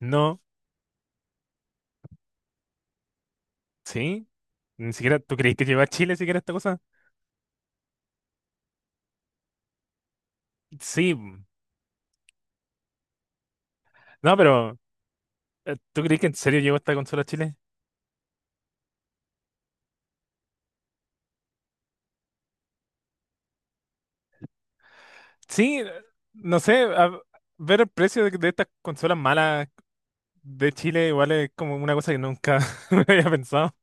No, sí. Ni siquiera, ¿tú crees que llegó a Chile siquiera esta cosa? Sí. Mm. No, pero ¿tú crees que en serio llegó esta consola a Chile? Sí, no sé, ver el precio de estas consolas malas de Chile igual es como una cosa que nunca me había pensado.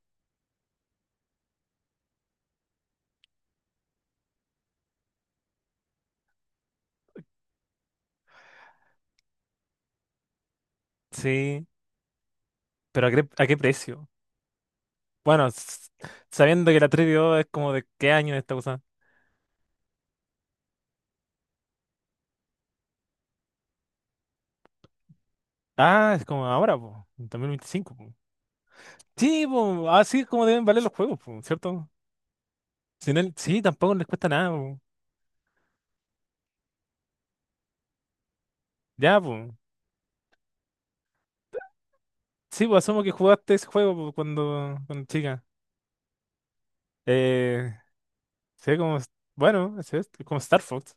Sí, pero ¿a qué precio? Bueno, sabiendo que la 3DO es como de qué año esta cosa. Ah, es como ahora, po, en 2025, po. Sí, po, así es como deben valer los juegos, po, ¿cierto? Sin él, sí, tampoco les cuesta nada, po. Ya, po. Sí, pues asumo que jugaste ese juego pues, cuando chica. Eh, se ve como, bueno, se ve como Star Fox.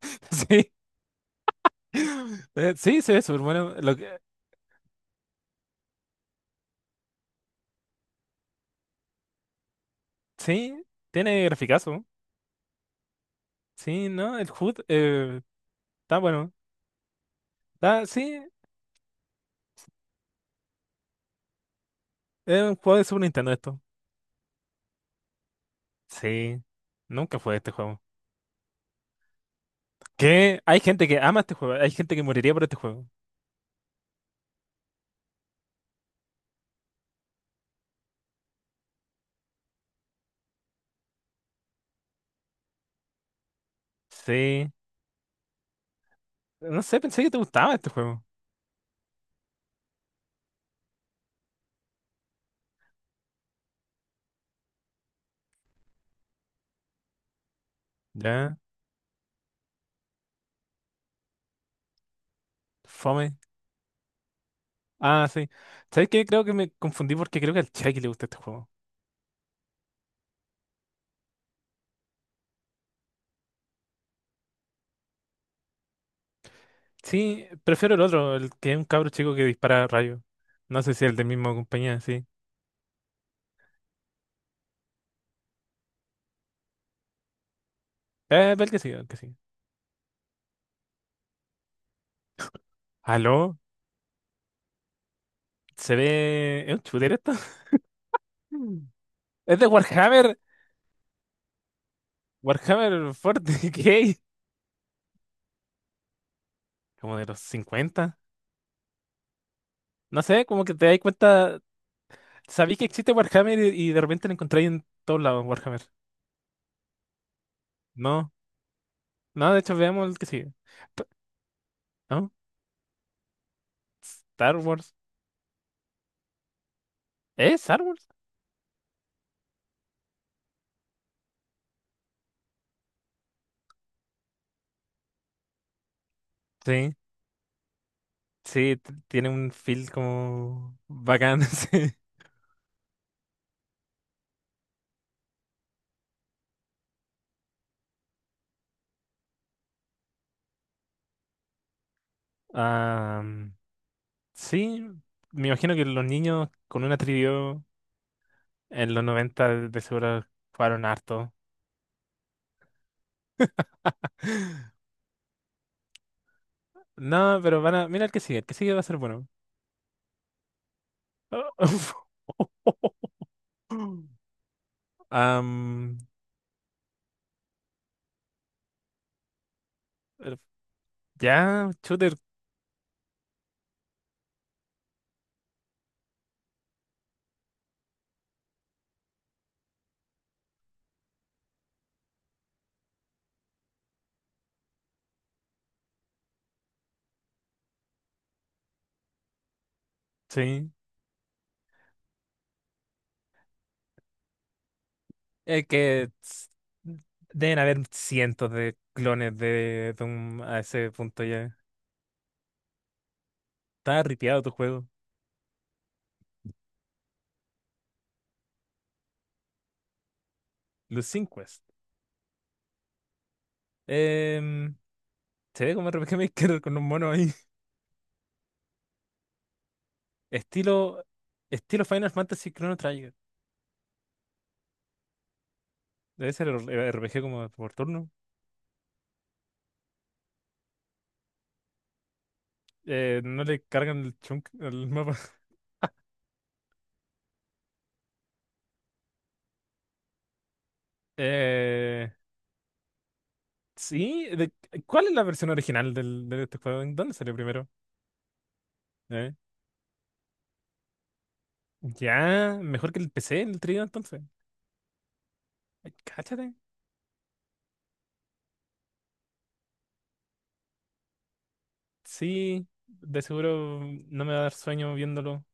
Sí, sí, se ve súper bueno. Lo que, sí, tiene graficazo. Sí, ¿no? El HUD está bueno. Está, sí, es un juego de Super Nintendo esto. Sí, nunca jugué este juego. Que hay gente que ama este juego, hay gente que moriría por este juego. Sí, no sé, pensé que te gustaba este juego. Ya, fome. Ah, sí. ¿Sabes qué? Creo que me confundí porque creo que al Chucky le gusta este juego. Sí, prefiero el otro, el que es un cabro chico que dispara rayos. No sé si el de misma compañía, sí. El que sí, el que sí. ¿Aló? ¿Es un shooter esto? Mm. Es de Warhammer. Warhammer 40K. Como de los 50. No sé, como que te das cuenta. Sabí que existe Warhammer y de repente lo encontráis en todos lados, Warhammer. No, no, de hecho veamos el que sigue. P- ¿No? Star Wars. ¿Es Star Wars? Sí. Sí, tiene un feel como bacán. Sí, ah, sí, me imagino que los niños con una trivio en los 90, de seguro jugaron harto. No, pero van a. Mira el que sigue va a ser bueno. Am, eh, ya, shooter, sí. Es que deben haber cientos de clones de Doom a ese punto ya. Está ripiado tu juego. Los 5. Em, se ve como RPG Maker con un mono ahí. Estilo, estilo Final Fantasy Chrono Trigger. Debe ser el RPG como por turno. No le cargan el chunk al mapa. Eh, sí, ¿cuál es la versión original de este juego? ¿En dónde salió primero? Eh, ya, mejor que el PC, el trío entonces. Ay, cáchate. Sí, de seguro no me va a dar sueño viéndolo.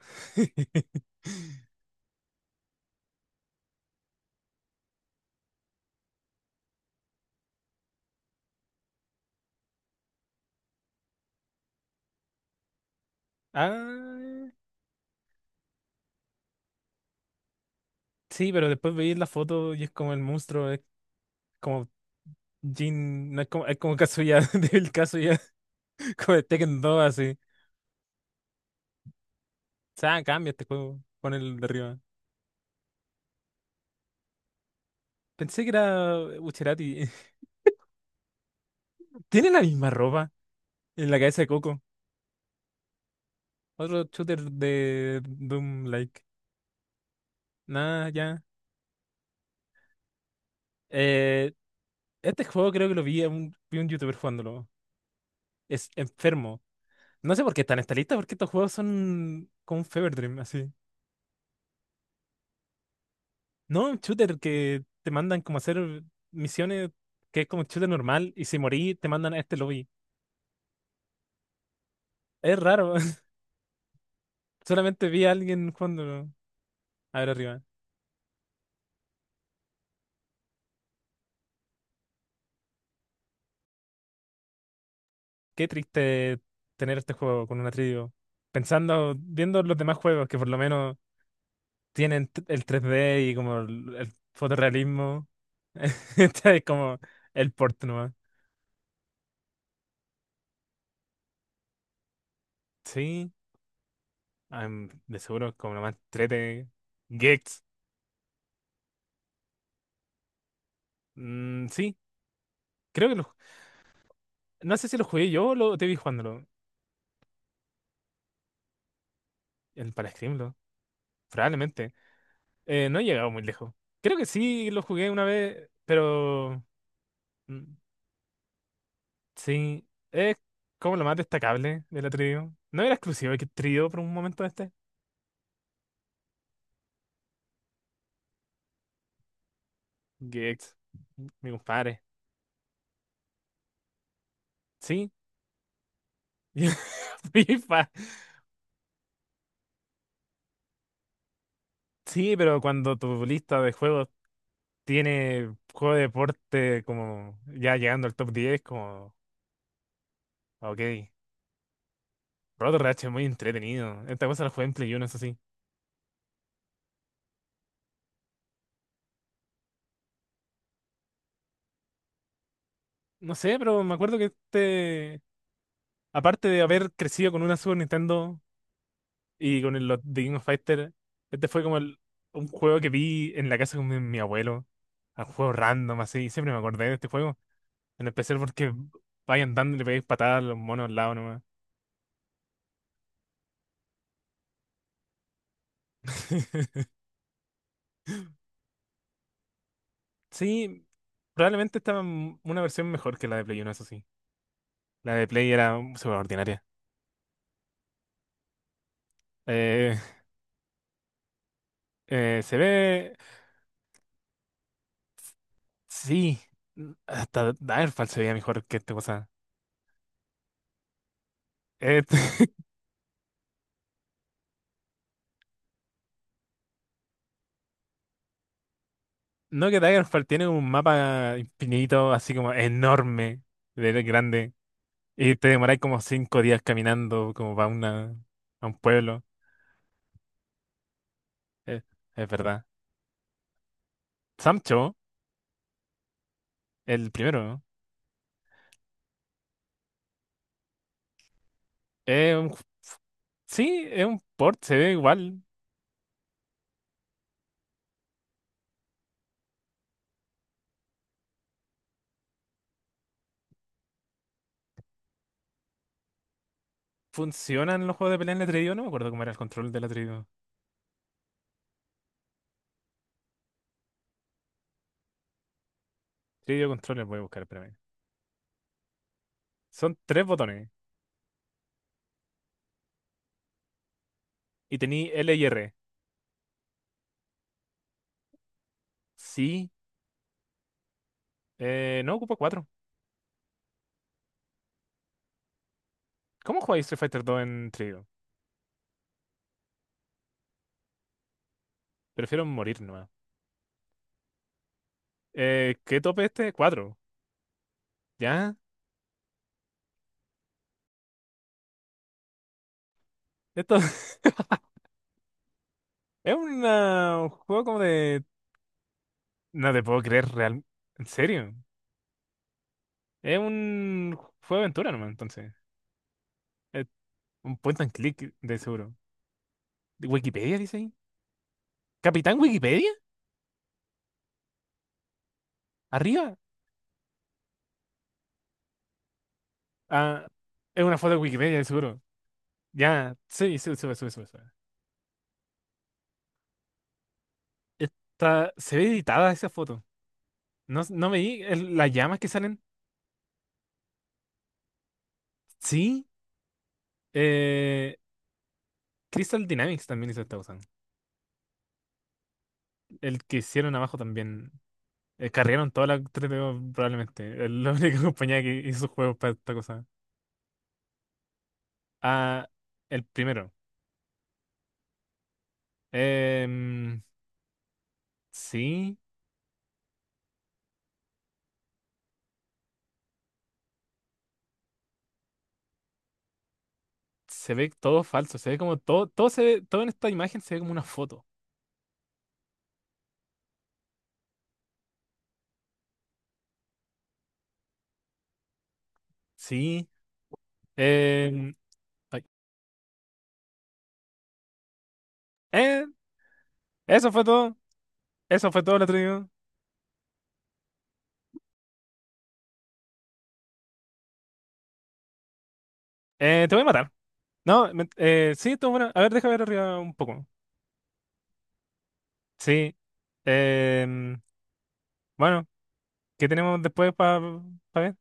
Ah, sí, pero después veis la foto y es como el monstruo. Como Jin, no es como, es como Kazuya, Devil Kazuya, como de Tekken 2, así. O sea, cambia este juego, pon el de arriba. Pensé que era Bucherati. Tiene la misma ropa en la cabeza de Coco. Otro shooter de Doom like. Nada, ya. Eh, este juego creo que lo vi a un, vi un youtuber jugándolo. Es enfermo. No sé por qué está en esta lista, porque estos juegos son como un fever dream, así. No, un shooter que te mandan como a hacer misiones que es como un shooter normal y si morí te mandan a este lobby. Es raro. Solamente vi a alguien jugándolo. A ver arriba. Qué triste tener este juego con una trío. Pensando, viendo los demás juegos que por lo menos tienen el 3D y como el fotorrealismo. Este es como el port nomás. Sí, de seguro es como nomás 3D. Gex. Mm, sí, creo que lo. No sé si lo jugué yo o lo te vi jugándolo. El para Screamlo. Probablemente. No he llegado muy lejos. Creo que sí lo jugué una vez, pero. mm, Sí, es como lo más destacable de la trío. No era exclusivo que trío por un momento este. Gex, mi compadre. Sí, FIFA. Sí, pero cuando tu lista de juegos tiene juego de deporte como ya llegando al top 10 como, ok, Rotor Rash es muy entretenido. Esta cosa la jugué en Play 1, eso sí. No sé, pero me acuerdo que este, aparte de haber crecido con una Super Nintendo, y con los The King of Fighters, este fue como un juego que vi en la casa con mi abuelo, un juego random así, siempre me acordé de este juego, en especial porque vais andando y le pegáis patadas a los monos al lado nomás. Sí, probablemente estaba una versión mejor que la de Play 1, eso sí. La de Play era súper ordinaria. Eh, eh, se ve, sí, hasta Daggerfall se veía mejor que esta cosa. Este- no que Daggerfall tiene un mapa infinito, así como enorme, de grande. Y te demoráis como 5 días caminando como para una, a un pueblo. Eh, es verdad. Sancho, el primero, ¿no? Es un ju- sí, es un port, se ve igual. Funcionan los juegos de pelea en el Atreidío. No me acuerdo cómo era el control del Atreidío. Atreidío controles voy a buscar, espérame. Son tres botones. Y tení L y R. Sí, no ocupa cuatro. ¿Cómo jugáis Street Fighter 2 en Atreidío? Prefiero morir nomás. ¿Qué tope este? Cuatro. ¿Ya? Esto es un juego como de. No te puedo creer real. ¿En serio? Es un juego de aventura nomás, entonces. Es un point and click de seguro. ¿De ¿Wikipedia dice ahí? ¿Capitán Wikipedia? ¿Arriba? Ah, es una foto de Wikipedia de seguro. Ya, sí, sube, sube, sube, sube. Sube. Está, se ve editada esa foto. No, no veí las llamas que salen. Sí. Eh, Crystal Dynamics también hizo esta cosa. El que hicieron abajo también. Cargaron toda la 3DO probablemente. Es la única compañía que hizo juegos para esta cosa. Ah, el primero. Em, sí, se ve todo falso, se ve como todo, todo en esta imagen se ve como una foto. Sí. em, ay, eh, eso fue todo. Eso fue todo lo atrevido. Te voy a matar. No, sí, estuvo bueno. A ver, deja ver arriba un poco. Sí. em, bueno, ¿qué tenemos después para ver?